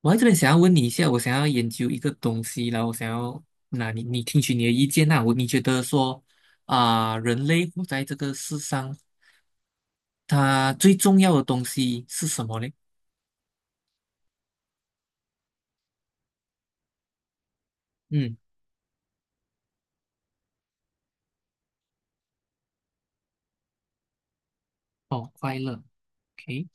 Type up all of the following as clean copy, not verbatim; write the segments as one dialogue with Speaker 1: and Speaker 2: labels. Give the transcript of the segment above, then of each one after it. Speaker 1: 我在这边想要问你一下，我想要研究一个东西，然后我想要那听取你的意见。那你觉得说人类活在这个世上，它最重要的东西是什么嘞？嗯。哦，快乐，OK。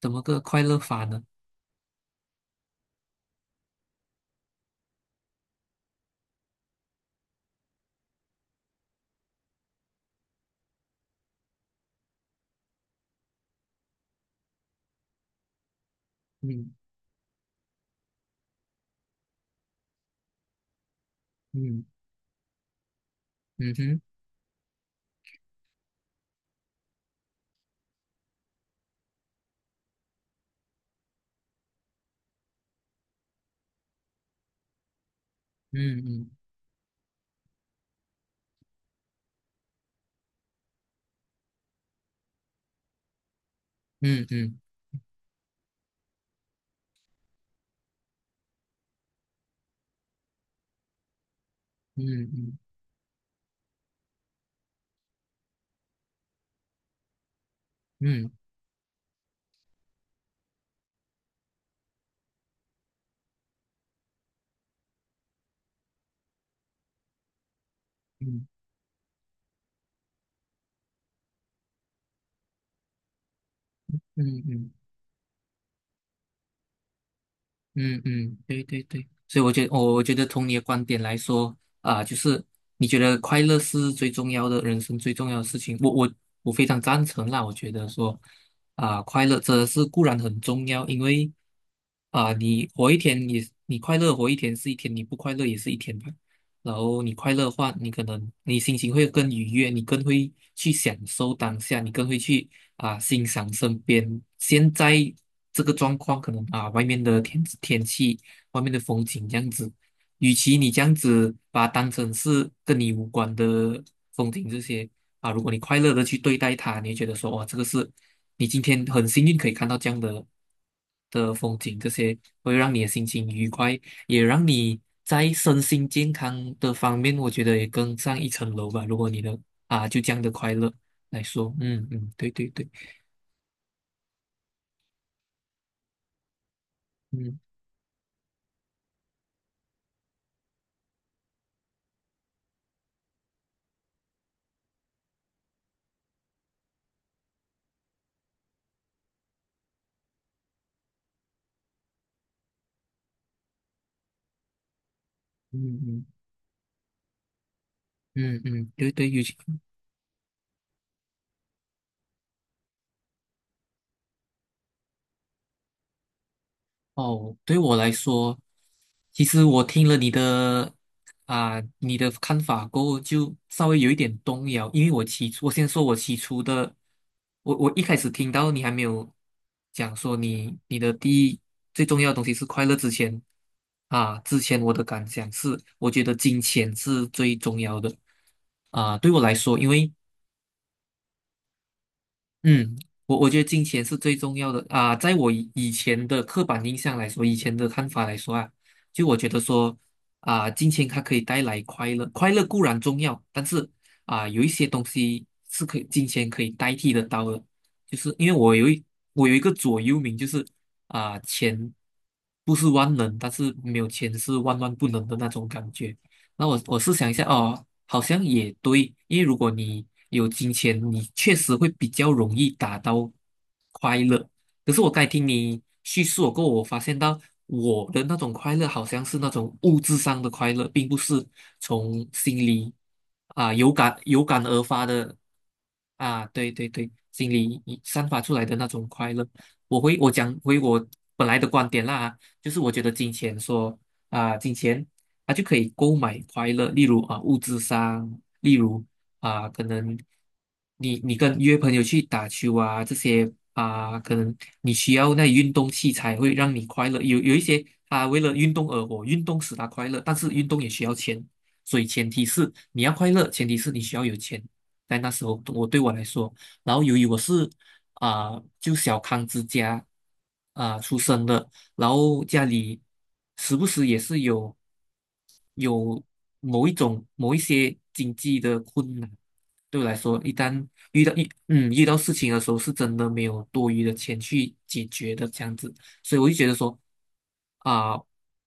Speaker 1: 怎么个快乐法呢？嗯。哦。嗯。嗯哼。嗯嗯嗯嗯嗯嗯嗯嗯嗯嗯嗯嗯嗯嗯，对对对。所以我觉得，我觉得从你的观点来说啊，就是你觉得快乐是最重要的，人生最重要的事情。我非常赞成啦。我觉得说快乐真的是固然很重要。因为你活一天，你快乐活一天是一天，你不快乐也是一天吧。然后你快乐的话，你可能你心情会更愉悦，你更会去享受当下，你更会去欣赏身边现在这个状况。可能啊，外面的天气、外面的风景这样子。与其你这样子把它当成是跟你无关的风景这些如果你快乐的去对待它，你会觉得说哇，这个是你今天很幸运可以看到这样的风景。这些会让你的心情愉快。也让你在身心健康的方面，我觉得也更上一层楼吧。如果你的就这样的快乐来说。嗯嗯，对对对。嗯嗯嗯嗯嗯。对对，尤其哦。对我来说，其实我听了你的你的看法过后，就稍微有一点动摇。因为我起初，我先说我起初的，我一开始听到你还没有讲说你的第一最重要的东西是快乐之前之前我的感想是，我觉得金钱是最重要的对我来说。因为嗯，我觉得金钱是最重要的啊。在我以前的刻板印象来说，以前的看法来说啊，就我觉得说金钱它可以带来快乐。快乐固然重要，但是有一些东西是可以金钱可以代替得到的。就是因为我有一个座右铭，就是钱不是万能，但是没有钱是万万不能的那种感觉。那我试想一下哦，好像也对。因为如果你有金钱，你确实会比较容易达到快乐。可是我刚才听你叙述过后我发现到我的那种快乐好像是那种物质上的快乐，并不是从心里有感而发的啊。对对对，心里散发出来的那种快乐。我回我讲回我本来的观点啦，就是我觉得金钱说。啊，金钱他就可以购买快乐。例如啊物质上，例如啊可能你跟约朋友去打球啊这些啊。可能你需要那运动器材会让你快乐。有一些他为了运动而活，运动使他快乐。但是运动也需要钱，所以前提是你要快乐，前提是你需要有钱。在那时候，我来说，然后由于我是啊、就小康之家出生的。然后家里时不时也是有某一些经济的困难。对我来说，一旦遇到事情的时候，是真的没有多余的钱去解决的这样子。所以我就觉得说啊、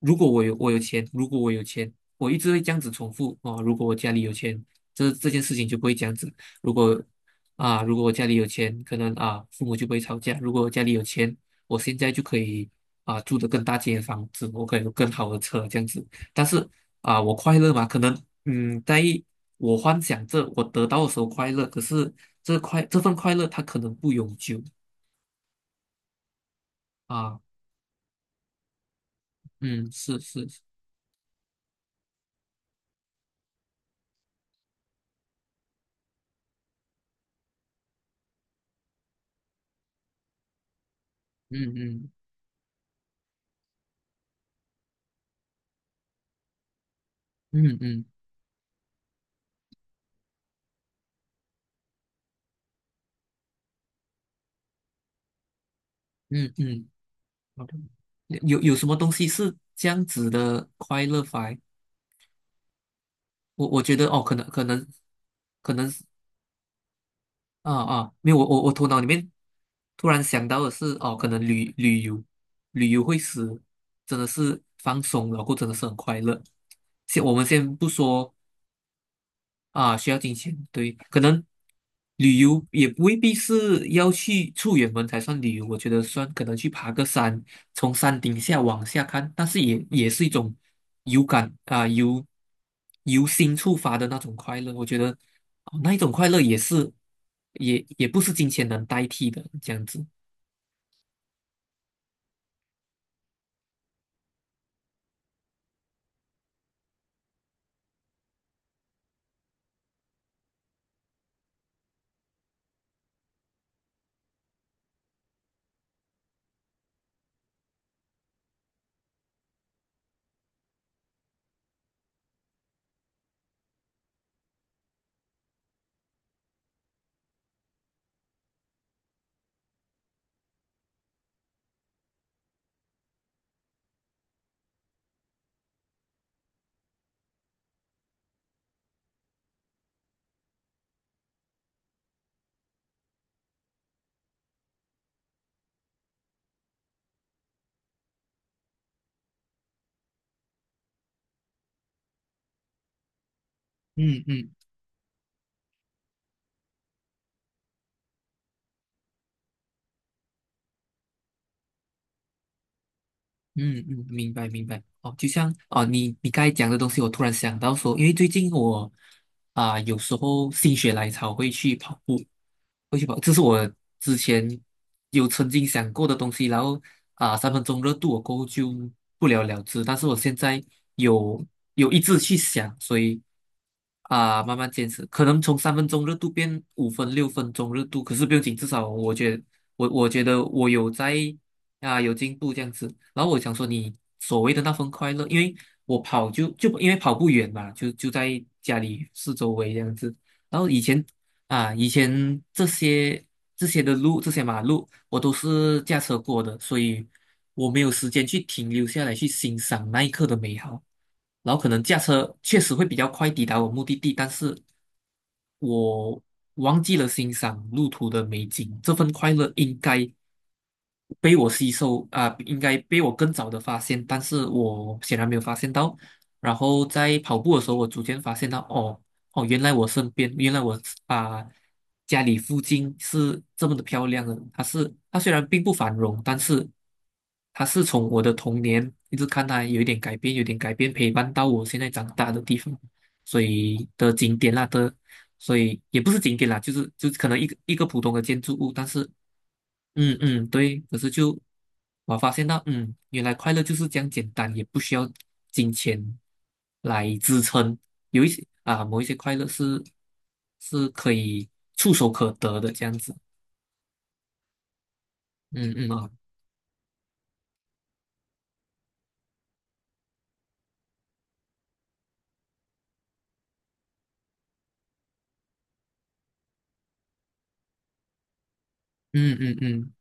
Speaker 1: 如果我有钱。如果我有钱，我一直会这样子重复哦，如果我家里有钱，这件事情就不会这样子。如果。啊，如果我家里有钱，可能啊，父母就不会吵架；如果我家里有钱，我现在就可以住的更大间的房子。我可以有更好的车这样子。但是我快乐嘛，可能嗯，在我幻想着我得到的时候快乐。可是这份快乐它可能不永久啊。嗯，是。嗯嗯嗯嗯嗯嗯。好的，有什么东西是这样子的快乐法？我觉得哦，可能是。没有，我头脑里面突然想到的是，哦，可能旅游。旅游会使真的是放松，然后真的是很快乐。先我们先不说啊。需要金钱，对。可能旅游也未必是要去出远门才算旅游。我觉得算可能去爬个山，从山顶下往下看。但是也是一种有感啊，由心触发的那种快乐。我觉得哦那一种快乐也是也不是金钱能代替的，这样子。嗯嗯。嗯嗯，明白明白。哦，就像哦，你刚才讲的东西，我突然想到说，因为最近我有时候心血来潮会去跑步。会去跑，这是我之前有曾经想过的东西。然后三分钟热度我过后就不了了之。但是我现在有有一直去想。所以慢慢坚持。可能从三分钟热度变五分、六分钟热度，可是不用紧，至少我觉得我觉得我有在有进步这样子。然后我想说，你所谓的那份快乐。因为我跑就因为跑不远嘛，就在家里四周围这样子。然后以前以前这些的路、这些马路，我都是驾车过的。所以我没有时间去停留下来去欣赏那一刻的美好。然后可能驾车确实会比较快抵达我目的地，但是我忘记了欣赏路途的美景。这份快乐应该被我吸收应该被我更早的发现，但是我显然没有发现到。然后在跑步的时候，我逐渐发现到。哦哦，原来我身边，原来我啊、家里附近是这么的漂亮的。它是它虽然并不繁荣，但是它是从我的童年一直看它有一点改变，有点改变，陪伴到我现在长大的地方。所以的景点啦的。所以也不是景点啦，就可能一个普通的建筑物，但是嗯嗯，对。可是就我发现到，嗯，原来快乐就是这样简单，也不需要金钱来支撑。有一些啊，某一些快乐是是可以触手可得的这样子。嗯嗯啊。嗯嗯嗯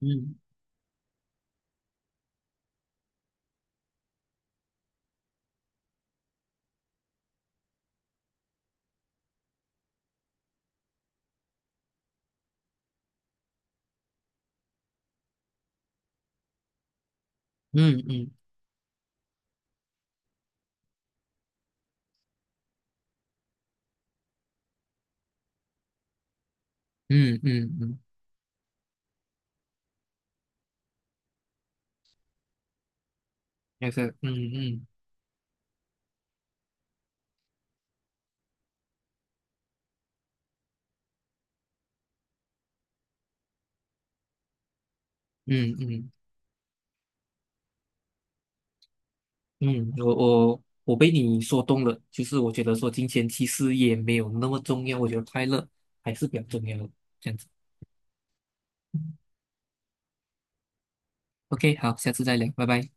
Speaker 1: 嗯嗯嗯嗯嗯嗯。那个嗯。嗯嗯嗯嗯我被你说动了，就是我觉得说金钱其实也没有那么重要。我觉得快乐还是比较重要的这样子。OK，好，下次再聊，拜拜。